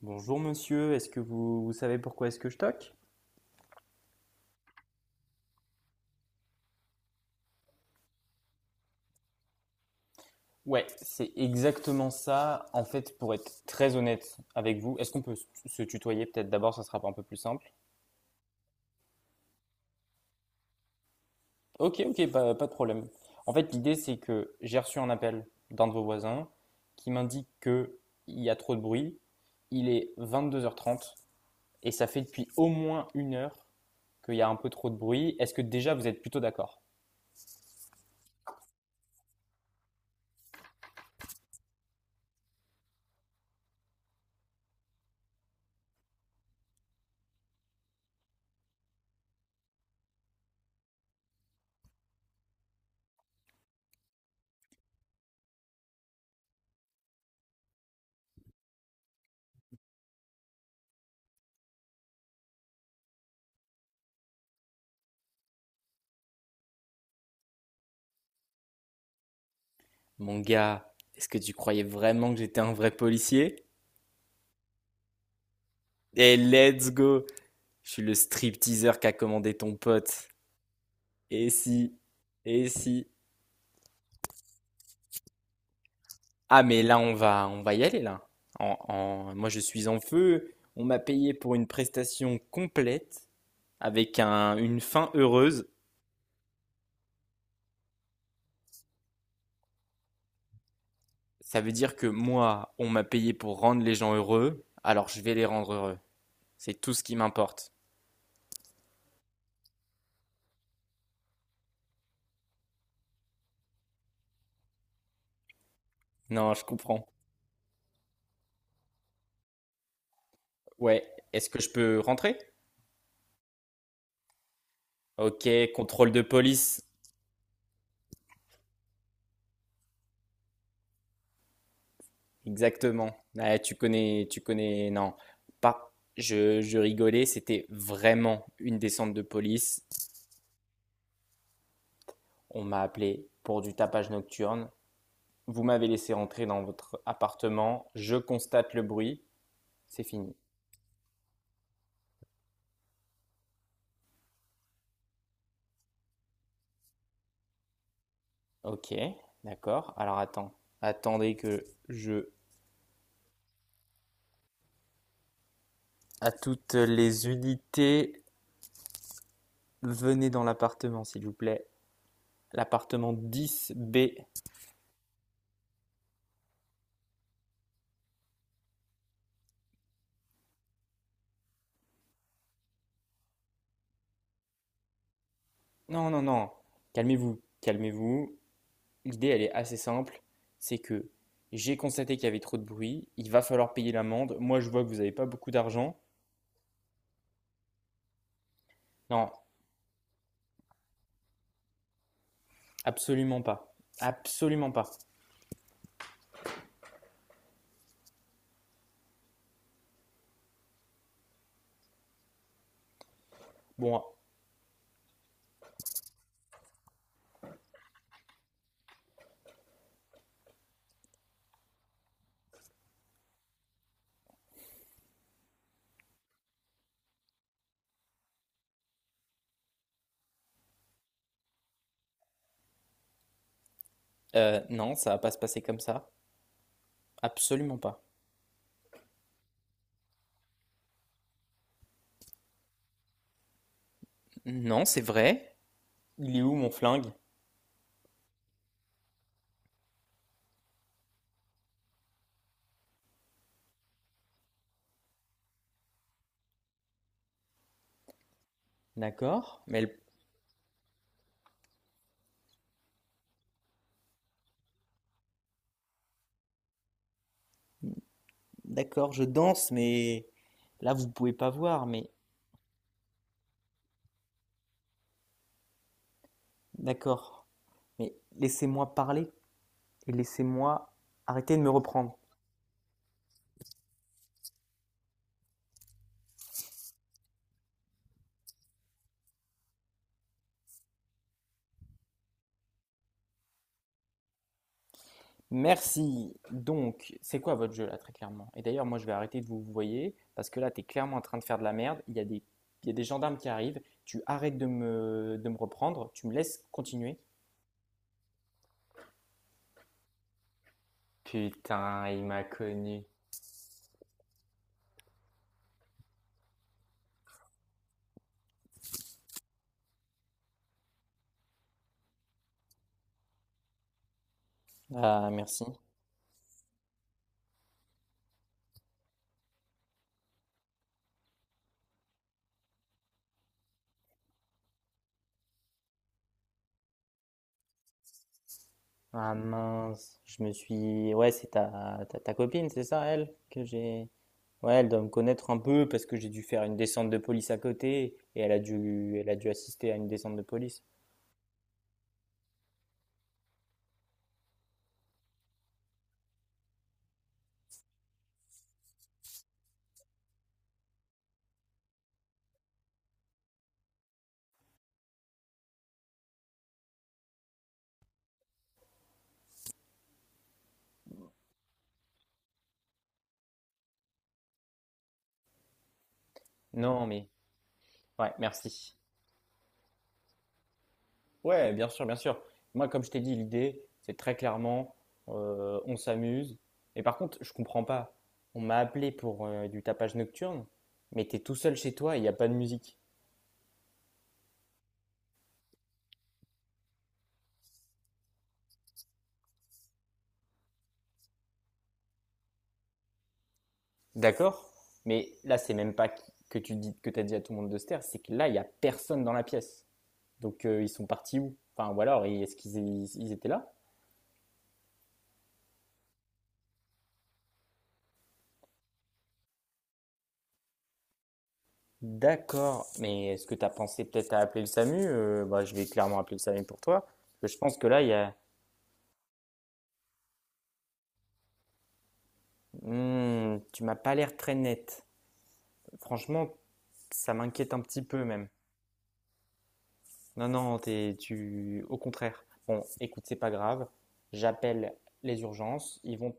Bonjour monsieur, est-ce que vous, vous savez pourquoi est-ce que je toque? Ouais, c'est exactement ça. En fait, pour être très honnête avec vous, est-ce qu'on peut se tutoyer peut-être d'abord, ça sera un peu plus simple. Ok, ok, pas de problème. En fait, l'idée c'est que j'ai reçu un appel d'un de vos voisins qui m'indique que il y a trop de bruit. Il est 22h30 et ça fait depuis au moins une heure qu'il y a un peu trop de bruit. Est-ce que déjà vous êtes plutôt d'accord? Mon gars, est-ce que tu croyais vraiment que j'étais un vrai policier? Et let's go! Je suis le stripteaseur qu'a commandé ton pote. Et si, et si. Ah, mais là, on va y aller, là. Moi, je suis en feu. On m'a payé pour une prestation complète, avec une fin heureuse. Ça veut dire que moi, on m'a payé pour rendre les gens heureux, alors je vais les rendre heureux. C'est tout ce qui m'importe. Non, je comprends. Ouais, est-ce que je peux rentrer? Ok, contrôle de police. Exactement. Ouais, tu connais, tu connais. Non, pas. Je rigolais. C'était vraiment une descente de police. On m'a appelé pour du tapage nocturne. Vous m'avez laissé entrer dans votre appartement. Je constate le bruit. C'est fini. Ok, d'accord. Alors attends. Attendez que je. À toutes les unités, venez dans l'appartement, s'il vous plaît. L'appartement 10B. Non, non, non. Calmez-vous. Calmez-vous. L'idée, elle est assez simple. C'est que j'ai constaté qu'il y avait trop de bruit. Il va falloir payer l'amende. Moi, je vois que vous n'avez pas beaucoup d'argent. Non, absolument pas. Absolument pas. Bon, non, ça va pas se passer comme ça. Absolument pas. Non, c'est vrai. Il est où mon flingue? D'accord. D'accord, je danse, mais là, vous pouvez pas voir. Mais d'accord. Mais laissez-moi parler et laissez-moi arrêter de me reprendre. Merci. Donc, c'est quoi votre jeu là, très clairement? Et d'ailleurs, moi, je vais arrêter de vous parce que là, t'es clairement en train de faire de la merde. Il y a des gendarmes qui arrivent. Tu arrêtes de me reprendre. Tu me laisses continuer. Putain, il m'a connu. Ah, merci. Ah mince, je me suis. Ouais, c'est ta copine, c'est ça, elle, que j'ai. Ouais, elle doit me connaître un peu parce que j'ai dû faire une descente de police à côté et elle a dû assister à une descente de police. Non, mais ouais, merci. Ouais, bien sûr, bien sûr. Moi, comme je t'ai dit, l'idée, c'est très clairement, on s'amuse. Et par contre, je comprends pas. On m'a appelé pour du tapage nocturne, mais t'es tout seul chez toi et il n'y a pas de musique. D'accord? Mais là, c'est même pas que tu dis, que t'as dit à tout le monde de se taire, c'est que là, il n'y a personne dans la pièce. Donc, ils sont partis où? Enfin, ou alors, est-ce qu'ils ils- ils étaient là? D'accord, mais est-ce que tu as pensé peut-être à appeler le SAMU? Bah, je vais clairement appeler le SAMU pour toi. Parce que je pense que là, il y a. Hmm, tu m'as pas l'air très net. Franchement, ça m'inquiète un petit peu même. Non, non, tu, au contraire. Bon, écoute, c'est pas grave. J'appelle les urgences. Ils vont.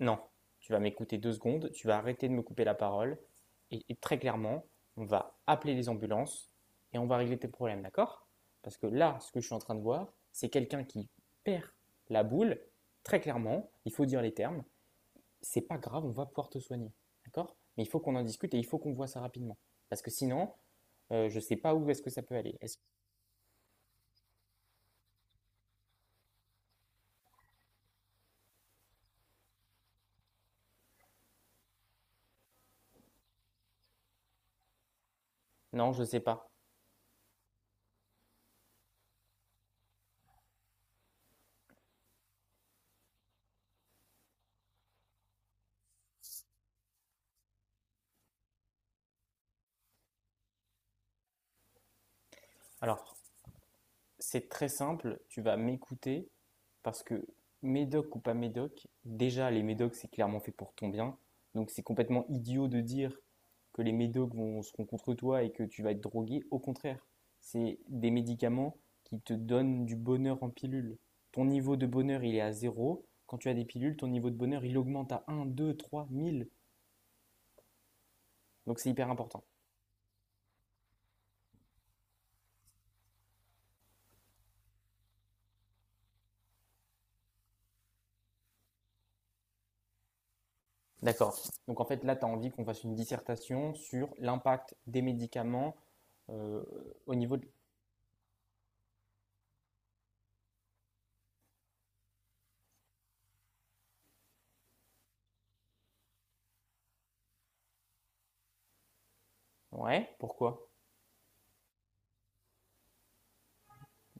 Non, tu vas m'écouter deux secondes. Tu vas arrêter de me couper la parole. Et très clairement, on va appeler les ambulances et on va régler tes problèmes, d'accord? Parce que là, ce que je suis en train de voir, c'est quelqu'un qui perd la boule. Très clairement, il faut dire les termes. C'est pas grave, on va pouvoir te soigner. D'accord? Mais il faut qu'on en discute et il faut qu'on voit ça rapidement. Parce que sinon, je ne sais pas où est-ce que ça peut aller. Non, je ne sais pas. Alors, c'est très simple, tu vas m'écouter. Parce que médoc ou pas médoc, déjà les médocs c'est clairement fait pour ton bien. Donc c'est complètement idiot de dire que les médocs vont, seront contre toi et que tu vas être drogué. Au contraire, c'est des médicaments qui te donnent du bonheur en pilule. Ton niveau de bonheur il est à zéro. Quand tu as des pilules, ton niveau de bonheur il augmente à un, 2, 3, mille. Donc c'est hyper important. D'accord. Donc en fait là tu as envie qu'on fasse une dissertation sur l'impact des médicaments euh, au niveau de... Ouais, pourquoi?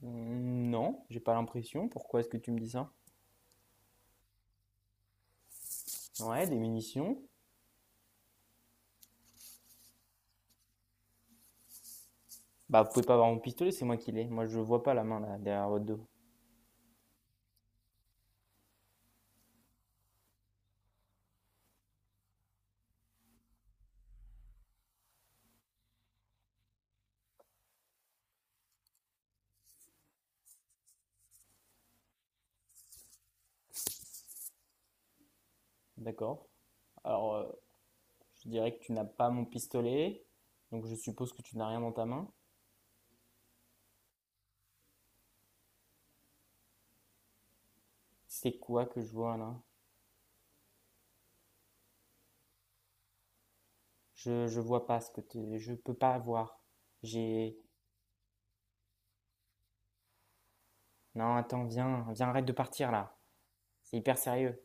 Mmh, non, j'ai pas l'impression. Pourquoi est-ce que tu me dis ça? Ouais, des munitions. Bah, vous pouvez pas avoir mon pistolet, c'est moi qui l'ai. Moi, je vois pas la main là, derrière votre dos. D'accord. Alors, je dirais que tu n'as pas mon pistolet, donc je suppose que tu n'as rien dans ta main. C'est quoi que je vois là? Je vois pas ce que tu... Je peux pas voir. J'ai... Non, attends, viens, viens, arrête de partir là. C'est hyper sérieux.